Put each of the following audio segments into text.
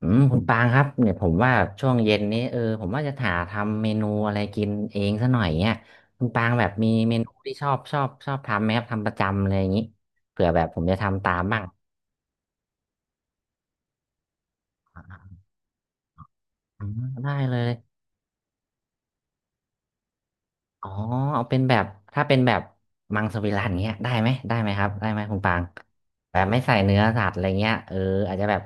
อืมคุณปางครับเนี่ยผมว่าช่วงเย็นนี้ผมว่าจะหาทำเมนูอะไรกินเองซะหน่อยเนี่ยคุณปางแบบมีเมนูที่ชอบทำไหมครับทำประจำอะไรอย่างนี้เผื่อแบบผมจะทำตามบ้างอ๋อได้เลยอ๋อเอาเป็นแบบถ้าเป็นแบบมังสวิรัติเงี้ยได้ไหมได้ไหมครับได้ไหมคุณปางแบบไม่ใส่เนื้อสัตว์อะไรเงี้ยอาจจะแบบ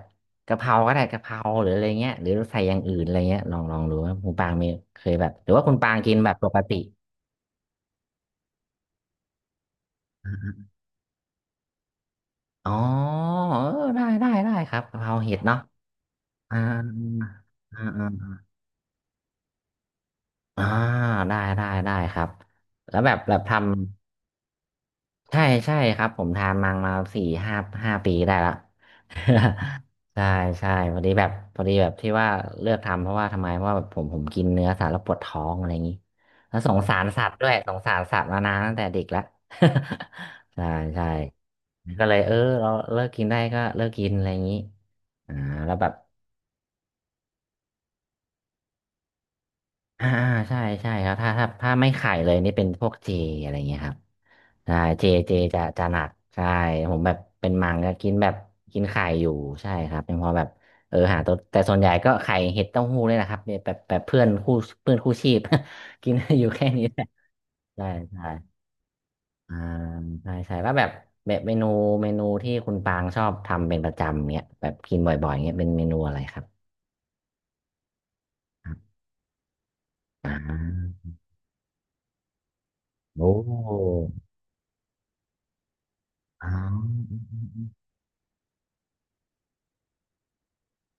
กะเพราก็ได้กะเพราหรืออะไรเงี้ยหรือใส่อย่างอื่นอะไรเงี้ยลองดูว่าคุณปางมีเคยแบบหรือว่าคุณปางกินแบบปกติ อ๋อได้ได้ได้ครับกะเพราเห็ดเนาะอ่าอ่าอ่าอ่าได้ได้ได้ครับแล้วแบบแบบทำใช่ใช่ครับผมทานมังมาสี่ห้าห้าปีได้ละ ใช่ใช่พอดีแบบพอดีแบบที่ว่าเลือกทำเพราะว่าทำไมเพราะว่าแบบผมกินเนื้อสัตว์แล้วปวดท้องอะไรอย่างนี้แล้วสงสารสัตว์ด้วยสงสารสัตว์มานานตั้งแต่เด็กแล้ว ใช่ใช่ก็เลยเราเลิกกินได้ก็เลิกกินอะไรอย่างนี้อ่าแล้วแบบ อ่าอ่าใช่ใช่ครับถ้าไม่ไข่เลยนี่เป็นพวกเจอะไรเงี้ยครับใช่เจเจจะจะหนักใช่ผมแบบเป็นมังก็กินแบบกินไข่อยู่ใช่ครับเป็นเพอแบบหาตัวแต่ส่วนใหญ่ก็ไข่เห็ดเต้าหู้เลยนะครับเนี่ยแบบแบบเพื่อนคู่ชีพ กินอยู่แค่นี้แหละใช่ใช่อ่าใช่ใช่แล้วแบบแบบเมนูที่คุณปางชอบทำเป็นประจำเนี่ยแบบกินบ่อยๆเนี่ยเป็นเมนูอะไรครับครับอ่าโอ้อ๋อ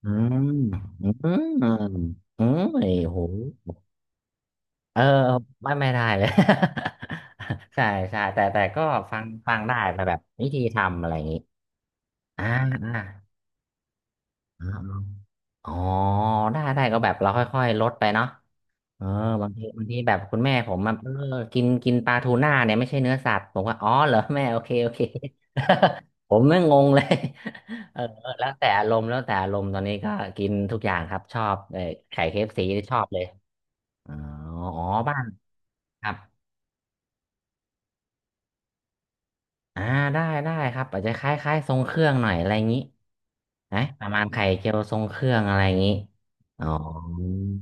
อืมอืมอืมไอ้โหเออไม่ไม่ได้เลย ใช่ใช่แต่แต่ก็ฟังฟังได้แต่แบบวิธีทำอะไรอย่างงี้อ่าอ่าอ๋ออ๋อได้ได้ก็แบบเราค่อยๆลดไปเนาะเออบางทีบางทีแบบคุณแม่ผมมากินกินปลาทูน่าเนี่ยไม่ใช่เนื้อสัตว์ผมว่าอ๋อเหรอแม่โอเคโอเค ผมไม่งงเลย เออแล้วแต่อารมณ์แล้วแต่อารมณ์ตอนนี้ก็กินทุกอย่างครับชอบไข่เคฟซีชอบเลย อ๋ออ๋อบ้านครับอ่าได้ได้ครับอาจจะคล้ายๆทรงเครื่องหน่อยอะไรอย่างนี้นะประมาณไข่เจียวทรงเครื่องอะไรอย่างนี้อ๋อ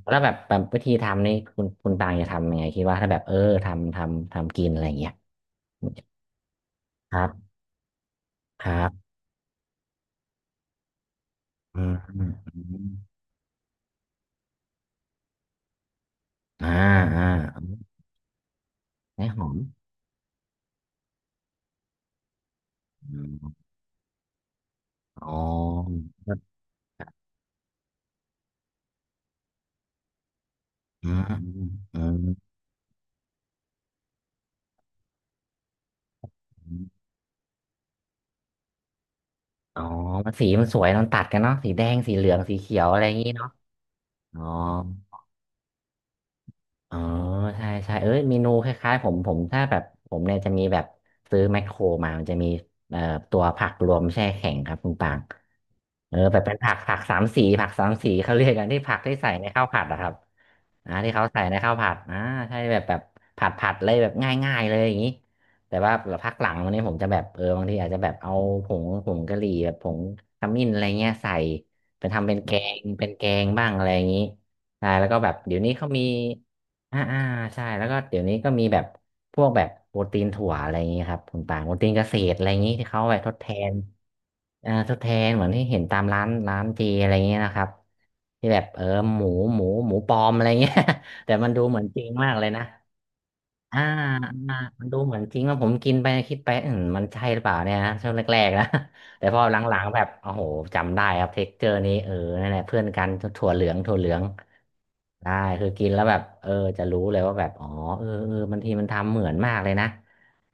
แล้วแบบแบบวิธีทำนี่คุณปางจะทำยังไงคิดว่าถ้าแบบทำกินอะไรอย่างเงี้ยครับครับอืมอืมอืมอ่าอ่าไม่หอมอมอ๋ออืมอืมอืมอ๋อมันสีมันสวยมันตัดกันเนาะสีแดงสีเหลืองสีเขียวอะไรอย่างงี้เนาะอ๋อ อ๋อใช่ใช่เอ้ยเมนูคล้ายๆผมผมถ้าแบบผมเนี่ยจะมีแบบซื้อแมคโครมามันจะมีเอ่อตัวผักรวมแช่แข็งครับคุณปางแบบเป็นผักผักสามสีผักสามสีเขาเรียกกันที่ผักที่ใส่ในข้าวผัดอะครับอ่าที่เขาใส่ในข้าวผัดอ่าใช่แบบแบบผัดเลยแบบง่ายๆเลยอย่างนี้แต่ว่าพักหลังวันนี้ผมจะแบบบางทีอาจจะแบบเอาผงกะหรี่แบบผงขมิ้นอะไรเงี้ยใส่เป็นทำเป็นแกงเป็นแกงบ้างอะไรอย่างนี้ใช่แล้วก็แบบเดี๋ยวนี้เขามี อ่าอ่าใช่แล้วก็เดี๋ยวนี้ก็มีแบบพวกแบบโปรตีนถั่วอะไรอย่างนี้ครับคุณปางโปรตีนเกษตรอะไรอย่างนี้ที่เขาเอาไปทดแทนอ่าทดแทนเหมือนที่เห็นตามร้านเจอะไรอย่างนี้นะครับที่แบบหมูหมูปลอมอะไรอย่างเงี้ย แต่มันดูเหมือนจริงมากเลยนะ อ่าอ่ามันดูเหมือนจริงว่าผมกินไปคิดไปอืมมันใช่หรือเปล่าเนี่ยนะช่วงแรกๆนะ แต่พอหลังๆแบบโอ้โหจำได้ครับเท็กเจอร์นี้นั่นแหละเพื่อนกันถั่วเหลืองถั่วเหลืองได้คือกินแล้วแบบจะรู้เลยว่าแบบอ๋อเออเออบางทีมันทำเหมือนมากเลยนะ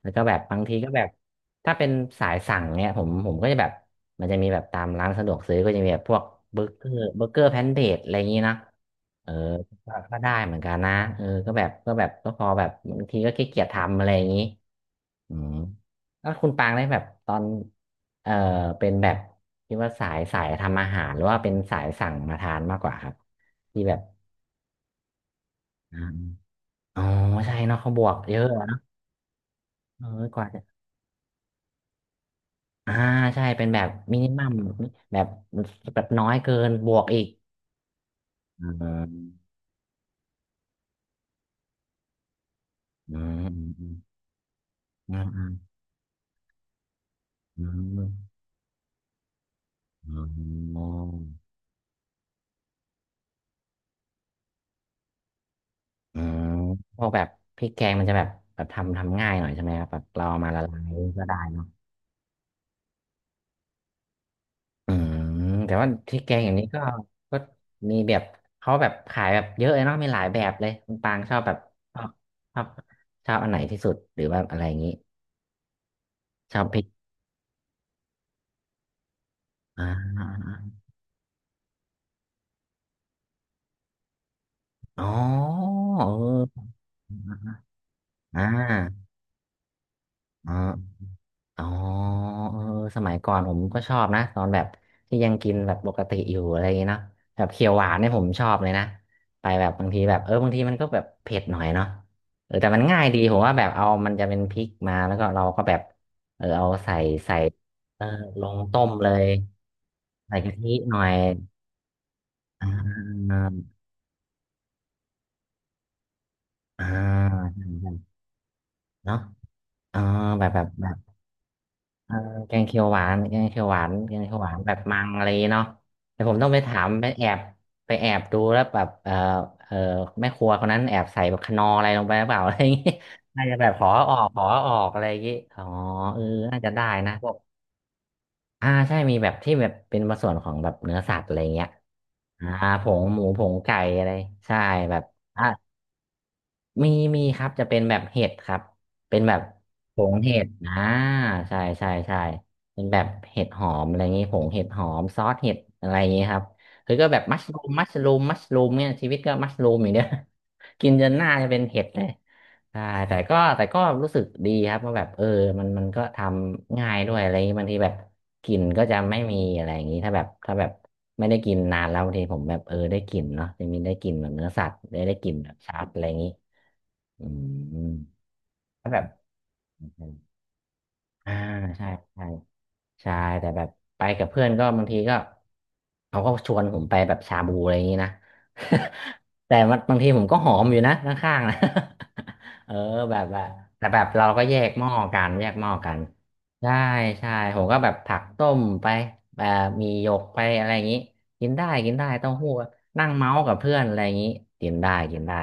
แล้วก็แบบบางทีก็แบบถ้าเป็นสายสั่งเนี่ยผมก็จะแบบมันจะมีแบบตามร้านสะดวกซื้อก็จะมีแบบพวกเบอร์เกอร์แพนเดอะไรอย่างนี้นะเออ ก็ได้เหมือนกันนะก็แบบก็แบบก็พอแบบบางทีก็ขี้เกียจทำอะไรอย่างนี้อืมแล้วคุณปางได้แบบตอนเออเป็นแบบคิดว่าสายทำอาหารหรือว่าเป็นสายสั่งมาทานมากกว่าครับที่แบบอาอ๋อใช่เนาะเขาบวกเยอะอะเออกว่าจะอ่าใช่เป็นแบบมินิมัมแบบแบบน้อยเกินบวกอีกอืมอืมอืมอืมอืมอืมอืม อืมพวกแบบพริกแกงมันจะแบบแบบทำง่ายหน่อยใช่ไหมครับแบบเราเอามาละลายก็ได้เนอะอืมแต่ว่าพริกแกงอย่างนี้ก็ก็มีแบบเขาแบบขายแบบเยอะเลยเนาะมีหลายแบบเลยคุณปางชอบแบบชอบชอบชอบอันไหนที่สุดหรือว่าอะไรอย่างนี้ชอบพริกอ่าอ๋อเอออ่าอ๋อ อ๋อเออสมัยก่อนผมก็ชอบนะตอนแบบที่ยังกินแบบปกติอยู่อะไรอย่างเงี้ยเนาะแบบเขียวหวานเนี่ยผมชอบเลยนะไปแบบบางทีแบบบางทีมันก็แบบเผ็ดหน่อยเนาะแต่มันง่ายดีผมว่าแบบเอามันจะเป็นพริกมาแล้วก็เราก็แบบเอาใส่ใส่เออลงต้มเลยใส่กะทิหน่อยอ่าอ่าใช่ใช่เนาะเออแบบแบบแบบ เออแกงเขียวหวานแกงเขียวหวานแกงเขียวหวานแบบมังอะไรเนาะแต่ผมต้องไปถามไปแอบไปแอบดูแล้วแบบเอแม่ครัวคนนั้นแอบใส่แบบคนอร์อะไรลงไปหรือเปล่าอะไรอย่างงี้น่าจะแบบขอออกอะไรอย่างงี้อ๋อเออน่าจะได้นะพวกอ่าใช่มีแบบที่แบบเป็นส่วนของแบบเนื้อสัตว์อะไรเงี้ยอ่าผงหมูผงไก่อะไรใช่แบบ มีครับจะเป็นแบบเห็ดครับเป็นแบบผงเห็ดอ่าใช่ใช่ใช่เป็นแบบเห็ดหอมอะไรอย่างงี้ผงเห็ดหอมซอสเห็ดอะไรอย่างงี้ครับคือก็แบบมัชรูมเนี่ยชีวิตก็มัชรูมอย่างเดียว กินจนหน้าจะเป็นเห็ดเลยใช่แต่ก็แต่ก็รู้สึกดีครับว่าแบบมันมันก็ทำง่ายด้วยอะไรอย่างงี้บางทีแบบกลิ่นก็จะไม่มีอะไรอย่างงี้ถ้าแบบถ้าแบบไม่ได้กินนานแล้วบางทีผมแบบได้กลิ่นเนาะจะมีได้กลิ่นแบบเนื้อสัตว์ได้กลิ่นแบบชัดอะไรอย่างงี้ อืมถ้าแบบอเอ่าใช่ใช่ ใช่แต่แบบไปกับเพื่อนก็บางทีก็เขาก็ชวนผมไปแบบชาบูอะไรอย่างนี้นะ แต่มันบางทีผมก็หอมอยู่นะข้างๆนะ เออแบบแบบแต่แบบเราก็แยกหม้อกันใช่ใช่ผมก็แบบผักต้มไปแบบมีหยกไปอะไรอย่างนี้กินได้กินได้เต้าหู้นั่งเมาส์กับเพื่อนอะไรอย่างนี้กินได้กินได้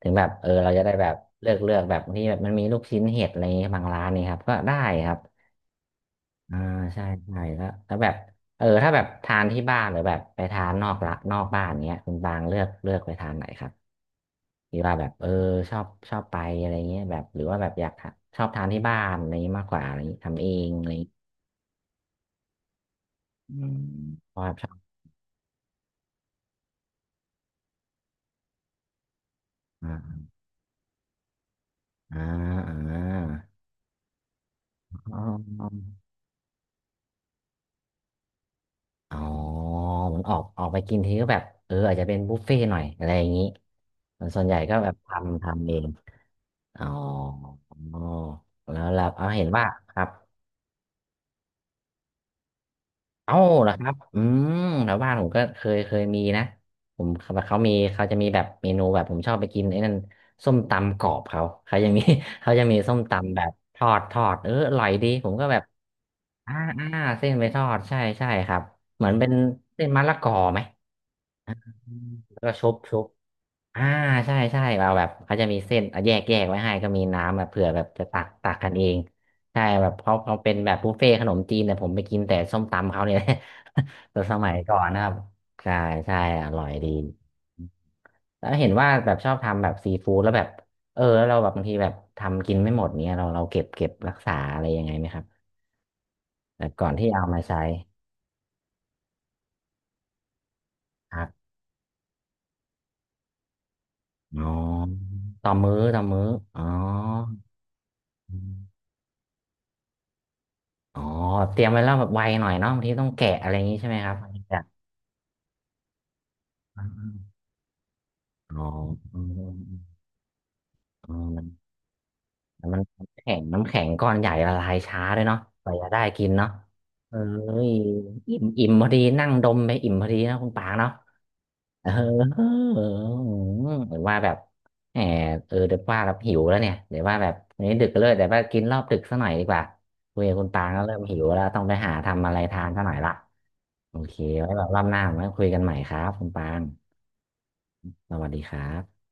ถึงแบบเราจะได้แบบเลือกแบบบางที่แบบมันมีลูกชิ้นเห็ดอะไรอย่างนี้บางร้านนี่ครับก็ได้ครับ อ่าใช่ใช่แล้วแบบถ้าแบบทานที่บ้านหรือแบบไปทานนอกละนอกบ้านเงี้ยคุณบางเลือกไปทานไหนครับหรือว่าแบบชอบชอบไปอะไรเงี้ยแบบหรือว่าแบบอยากทานชอบทานที่บ้านอะไรเงี้ยมากกว่าอะไรเงี้ยทำเองอะไรเงี้ยอืมเพราะแบบชอบอ่าอ่าอ่าอ๋ออ๋อเหมือนออกไปกินทีก็แบบอาจจะเป็นบุฟเฟ่ต์หน่อยอะไรอย่างงี้ส่วนใหญ่ก็แบบทำเองอ๋อแล้วเอาเห็นว่าครับ เอ้าเหรอครับอืมแถวบ้านผมก็เคยมีนะผมเขาเขามีเขาจะมีแบบเมนูแบบผมชอบไปกินไอ้นั่นส้มตำกรอบเขาเขายังมี เขาจะมีส้มตำแบบทอดทอดอร่อยดีผมก็แบบอ่าอ่าเส้นไปทอดใช่ใช่ครับเหมือนเป็นเส้นมะละกอไหมอืมแล้วก็ชุบชุบ อ่าใช่ใช่เราแบบเขาจะมีเส้นแยกไว้ให้ก็มีน้ำแบบเผื่อแบบจะตักกันเองใช่แบบเขาเขาเป็นแบบบุฟเฟ่ต์ขนมจีนแต่ยผมไปกินแต่ส้มตำเขาเนี่ย แต่สมัยก่อนนะครับใช่ใช่อร่อยดีแล้วเห็นว่าแบบชอบทำแบบซีฟู้ดแล้วแบบแล้วเราแบบบางทีแบบทำกินไม่หมดเนี้ยเราเก็บรักษาอะไรยังไงไหมครับแบบก่อนที่เอามาใช้ครับอ๋อต่อมื้อต่อมื้ออ๋อ อ๋อเตรียมไว้แล้วแบบไวหน่อยเนาะบางทีต้องแกะอะไรอย่างนี้ใช่ไหมครับมันจะอ๋ออ๋ออืมอืมมันมันแข็งน้ำแข็งก้อนใหญ่ละลายช้าด้วยเนาะกว่าจะได้กินเนาะเอ้ยอิ่มอิ่มพอดีนั่งดมไปอิ่มพอดีนะคุณปางเนาะเออหรือว่าแบบแหมเดี๋ยวว่าแบบหิวแล้วเนี่ยเดี๋ยวว่าแบบวันนี้ดึกเลยเดี๋ยวว่ากินรอบดึกสักหน่อยดีกว่าคุยกับคุณปางแล้วเริ่มหิวแล้วต้องไปหาทำอะไรทานสักหน่อยละ โอเคไว้แบบรอบหน้ามาคุยกันใหม่ครับคุณปางสวัสดีครับ